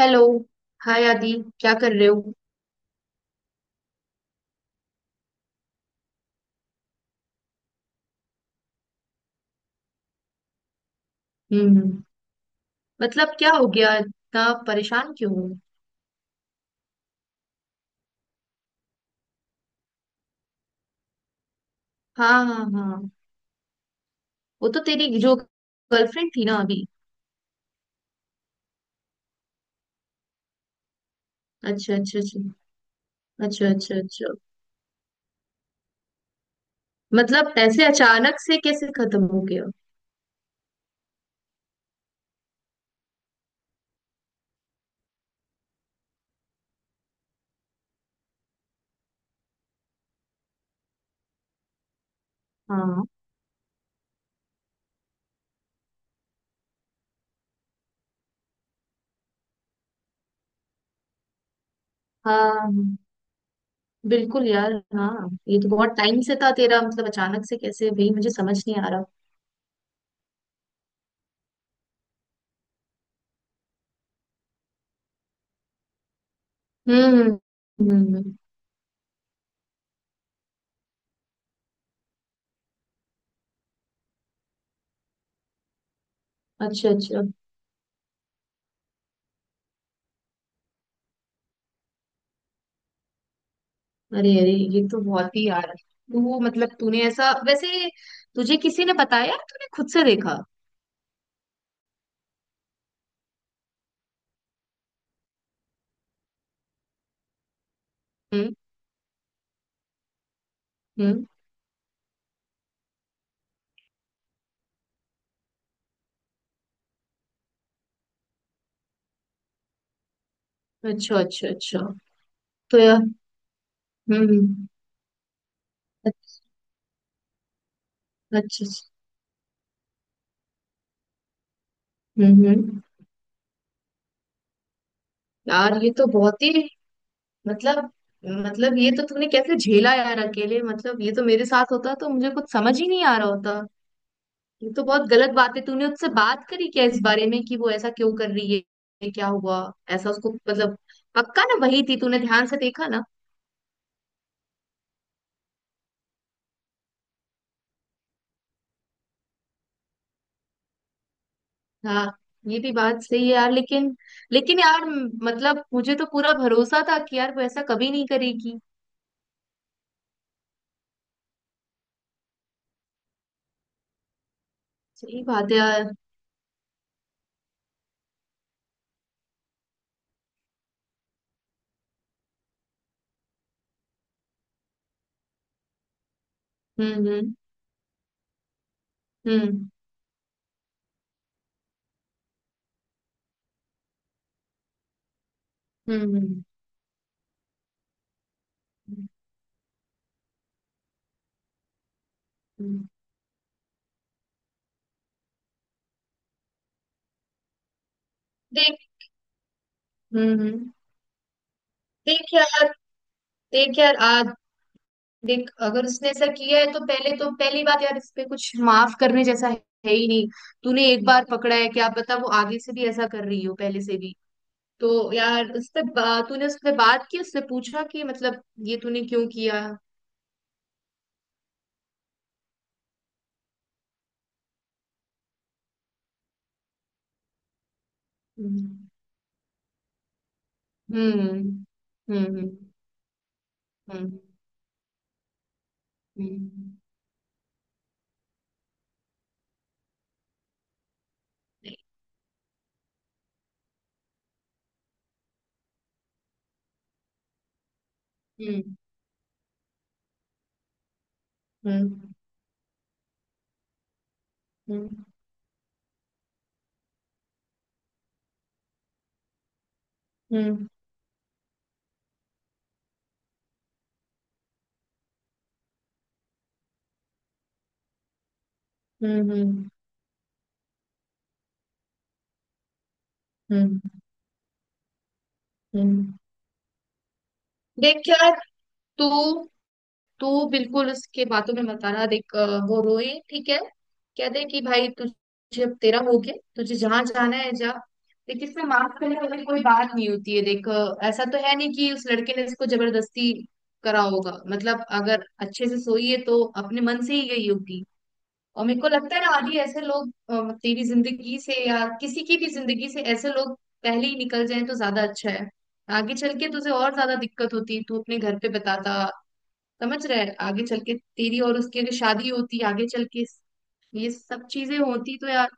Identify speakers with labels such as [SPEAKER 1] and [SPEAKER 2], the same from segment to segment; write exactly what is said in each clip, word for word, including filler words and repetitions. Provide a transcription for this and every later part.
[SPEAKER 1] Hello. Hi Aadi. क्या कर रहे हो? हम्म। मतलब क्या हो गया? इतना परेशान क्यों हो? हाँ हाँ हाँ। वो तो तेरी जो गर्लफ्रेंड थी ना अभी। अच्छा अच्छा अच्छा। अच्छा अच्छा अच्छा। मतलब ऐसे अचानक से कैसे खत्म हो गया? हाँ हाँ। बिल्कुल यार, हाँ ये तो बहुत टाइम से था तेरा, मतलब अचानक से कैसे भाई? मुझे समझ नहीं आ रहा। हम्म हम्म हम्म। अच्छा अच्छा। अरे अरे, ये तो बहुत ही यार। तू मतलब तूने ऐसा वैसे, तुझे किसी ने बताया? तूने खुद से देखा? हम्म हम्म। अच्छा अच्छा अच्छा। तो यार। हम्म हम्म। अच्छा अच्छा अच्छा। हम्म हम्म। यार ये तो बहुत ही, मतलब मतलब ये तो तूने कैसे झेला यार अकेले। मतलब ये तो मेरे साथ होता तो मुझे कुछ समझ ही नहीं आ रहा होता। ये तो बहुत गलत बात है। तूने उससे बात करी क्या इस बारे में कि वो ऐसा क्यों कर रही है? क्या हुआ ऐसा उसको? मतलब पक्का ना वही थी, तूने ध्यान से देखा ना? हाँ। ये भी बात सही है यार, लेकिन। लेकिन यार, मतलब मुझे तो पूरा भरोसा था कि यार वो ऐसा कभी नहीं करेगी। सही बात है यार। हम्म हम्म हम्म हम्म हम्म, हम्म। देख। हम्म हम्म। देख यार। देख यार आज, देख अगर उसने ऐसा किया है तो पहले तो पहली बात यार, इस पे कुछ माफ करने जैसा है है ही नहीं। तूने एक बार पकड़ा है, क्या पता वो आगे से भी ऐसा कर रही हो, पहले से भी। तो यार उस पे बा- तूने उससे बात की, उससे पूछा कि मतलब ये तूने क्यों किया? हम्म। हम्म हम्म हम्म हम्म हम्म हम्म हम्म हम्म हम्म, हम्म, हम्म। हम्म। देख यार, तू तू बिल्कुल उसके बातों में मत आना। देख अ, वो रोए ठीक है, कह दे कि भाई तुझे अब तेरा हो गया, तुझे जहां जाना है जा। देख इसमें माफ करने वाली कोई बात नहीं होती है। देख अ, ऐसा तो है नहीं कि उस लड़के ने इसको जबरदस्ती करा होगा, मतलब अगर अच्छे से सोई है तो अपने मन से ही गई होगी। और मेरे को लगता है ना आदि ऐसे लोग, अ, मतलब तेरी जिंदगी से या किसी की भी जिंदगी से ऐसे लोग पहले ही निकल जाएं तो ज्यादा अच्छा है। आगे चल के तुझे और ज्यादा दिक्कत होती। तू अपने घर पे बताता, समझ रहे? आगे चल के तेरी और उसकी अगर शादी होती, आगे चल के ये सब चीजें होती तो यार।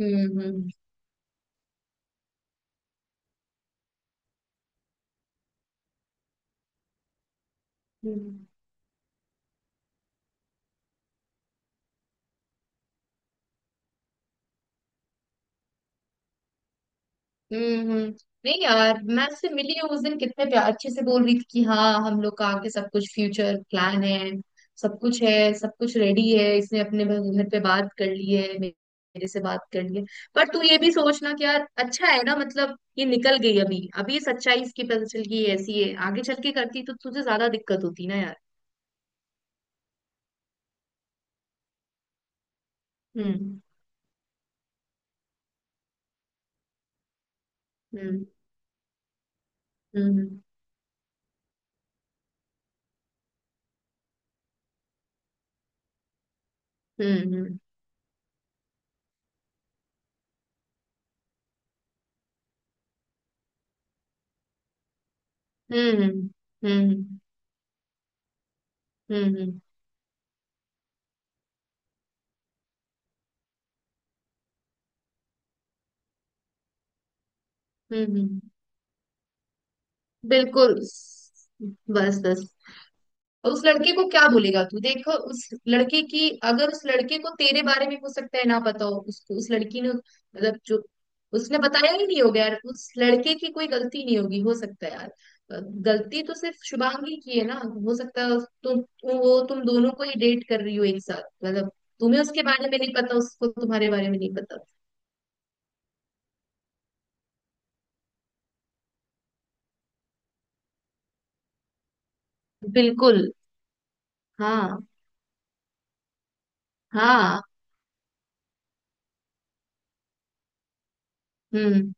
[SPEAKER 1] हम्म हम्म। हम्म। हम्म हम्म। नहीं यार, मैं उससे मिली हूँ उस दिन कितने प्यार अच्छे से बोल रही थी कि हाँ हम लोग का आगे सब कुछ फ्यूचर प्लान है, सब कुछ है, सब कुछ रेडी है, इसने अपने भग- घर पे बात कर ली है, मे- मेरे से बात कर ली है। पर तू ये भी सोचना कि यार अच्छा है ना, मतलब ये निकल गई अभी अभी, ये सच्चाई इसकी पता चल गई। ये ऐसी है, आगे चल के करती तो तुझे ज्यादा दिक्कत होती ना यार। हम्म हम्म हम्म हम्म हम्म हम्म हम्म हम्म हम्म हम्म, हम्म। बिल्कुल। बस बस, उस लड़के को क्या बोलेगा तू? देखो उस लड़के की, अगर उस लड़के को तेरे बारे में हो सकता है ना पता हो, उसको उस लड़की ने मतलब जो, उसने बताया ही नहीं होगा यार, उस लड़के की कोई गलती नहीं होगी। हो सकता है यार गलती तो सिर्फ शुभांगी की है ना। हो सकता है तुम, वो तुम दोनों को ही डेट कर रही हो एक साथ, मतलब तुम्हें उसके बारे में नहीं पता, उसको तुम्हारे बारे में नहीं पता। बिल्कुल। हाँ हाँ। हम्म।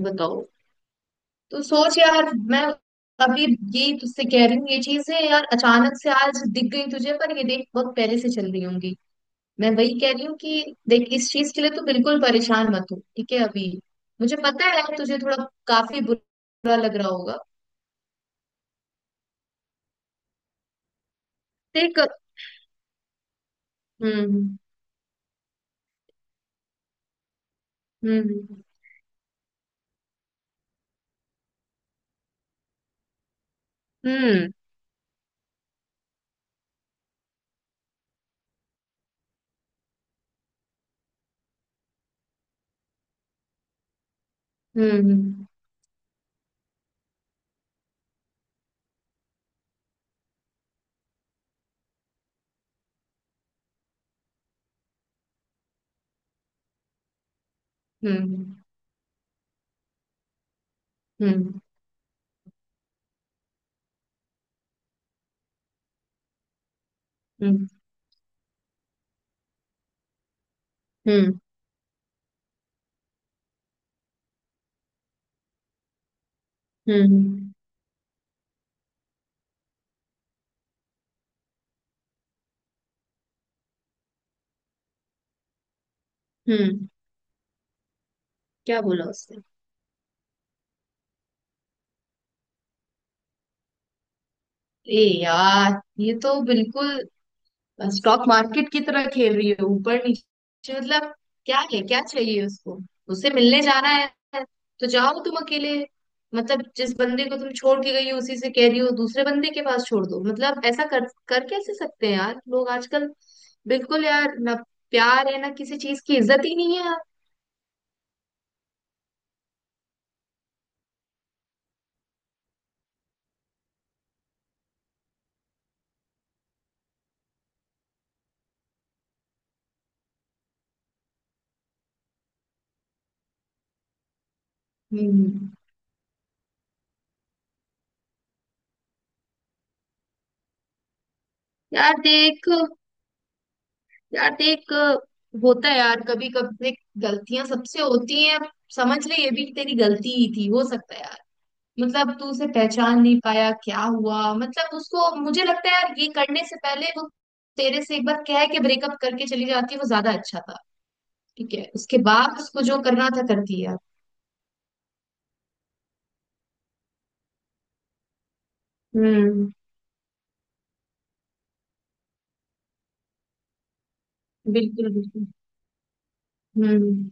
[SPEAKER 1] बताओ। तो सोच यार, मैं अभी ये तुझसे कह रही हूँ ये चीजें यार, अचानक से आज दिख गई तुझे पर ये देख बहुत पहले से चल रही होंगी। मैं वही कह रही हूँ कि देख इस चीज के लिए तू बिल्कुल परेशान मत हो, ठीक है? अभी मुझे पता है तुझे थोड़ा काफी बुरा लग रहा होगा। देख। हम्म हम्म हम्म हम्म हम्म हम्म हम्म हम्म हम्म हम्म हम्म, हम्म, हम्म। क्या बोला उसने? ए यार ये तो बिल्कुल स्टॉक मार्केट की तरह खेल रही है, ऊपर नीचे। मतलब क्या है, क्या चाहिए उसको? उससे मिलने जाना है तो जाओ तुम अकेले। मतलब जिस बंदे को तुम छोड़ के गई हो उसी से कह रही हो दूसरे बंदे के पास छोड़ दो, मतलब ऐसा कर कर कैसे सकते हैं यार लोग आजकल। बिल्कुल यार ना, प्यार है ना, किसी चीज की इज्जत ही नहीं है यार। हम्म। यार देख। यार देख, होता है यार कभी कभी, गलतियां सबसे होती हैं। समझ ले ये भी तेरी गलती ही थी, हो सकता है यार। मतलब तू उसे पहचान नहीं पाया, क्या हुआ मतलब उसको, मुझे लगता है यार ये करने से पहले वो तेरे से एक बार कह के ब्रेकअप करके चली जाती, वो ज्यादा अच्छा था। ठीक है उसके बाद उसको जो करना था कर दिया। हम्म। बिल्कुल बिल्कुल। हम्म।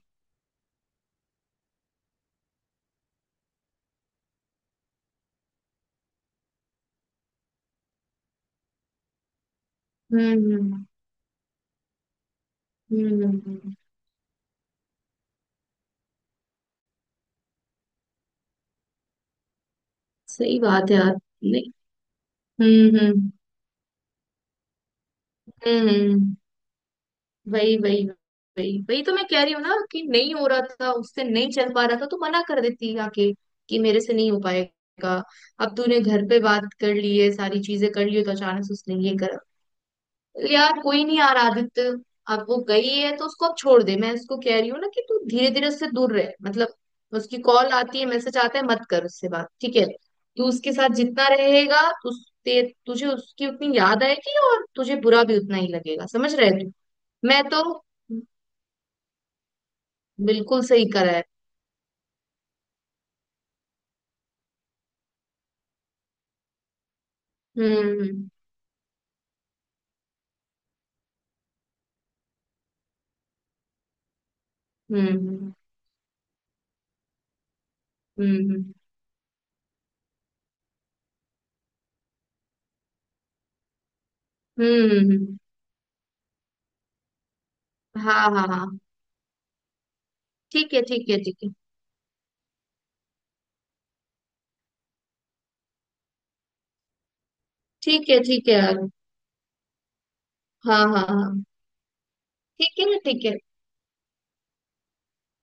[SPEAKER 1] हम्म हम्म हम्म, हम्म, हम्म। सही बात है यार। नहीं। हम्म हम्म। हम्म हम्म। वही वही, वही वही तो मैं कह रही हूँ ना कि नहीं हो रहा था उससे, नहीं चल पा रहा था तो मना कर देती आके कि मेरे से नहीं हो पाएगा। अब तूने घर पे बात कर ली है, सारी चीजें कर ली है, तो अचानक से उसने ये करा, यार कोई नहीं यार आदित्य। अब वो गई है तो उसको अब छोड़ दे। मैं उसको कह रही हूँ ना कि तू धीरे धीरे उससे दूर रहे, मतलब उसकी कॉल आती है, मैसेज आता है, मत कर उससे बात, ठीक है? तू उसके साथ जितना रहेगा तुझ- ते तुझे उसकी उतनी याद आएगी और तुझे बुरा भी उतना ही लगेगा, समझ रहे तू? मैं तो बिल्कुल सही करा है। हम्म हम्म हम्म हम्म हम्म। हम्म। हाँ हाँ हाँ। ठीक है ठीक है ठीक है। ठीक है ठीक है यार। हाँ हाँ हाँ। ठीक है ना, ठीक है।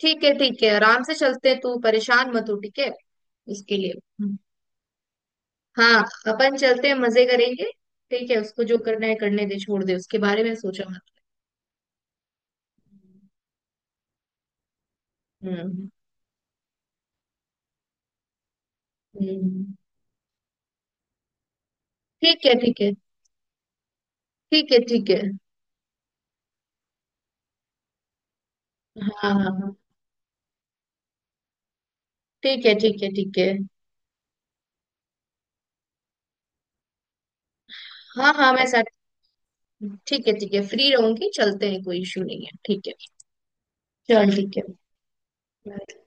[SPEAKER 1] ठीक है ठीक है, आराम से चलते हैं, तू परेशान मत हो ठीक है। इसके लिए। हम्म, हाँ। अपन चलते हैं, मजे करेंगे। ठीक है, उसको जो करना है करने दे, छोड़ दे, उसके बारे में सोचा मत। हम्म हम्म। ठीक है ठीक है। ठीक है ठीक है। हाँ हाँ हाँ। ठीक है ठीक है। ठीक है हाँ हाँ, मैं ठीक है ठीक है, फ्री रहूंगी, चलते हैं, कोई इशू नहीं है ठीक है। चल ठीक है। Bye.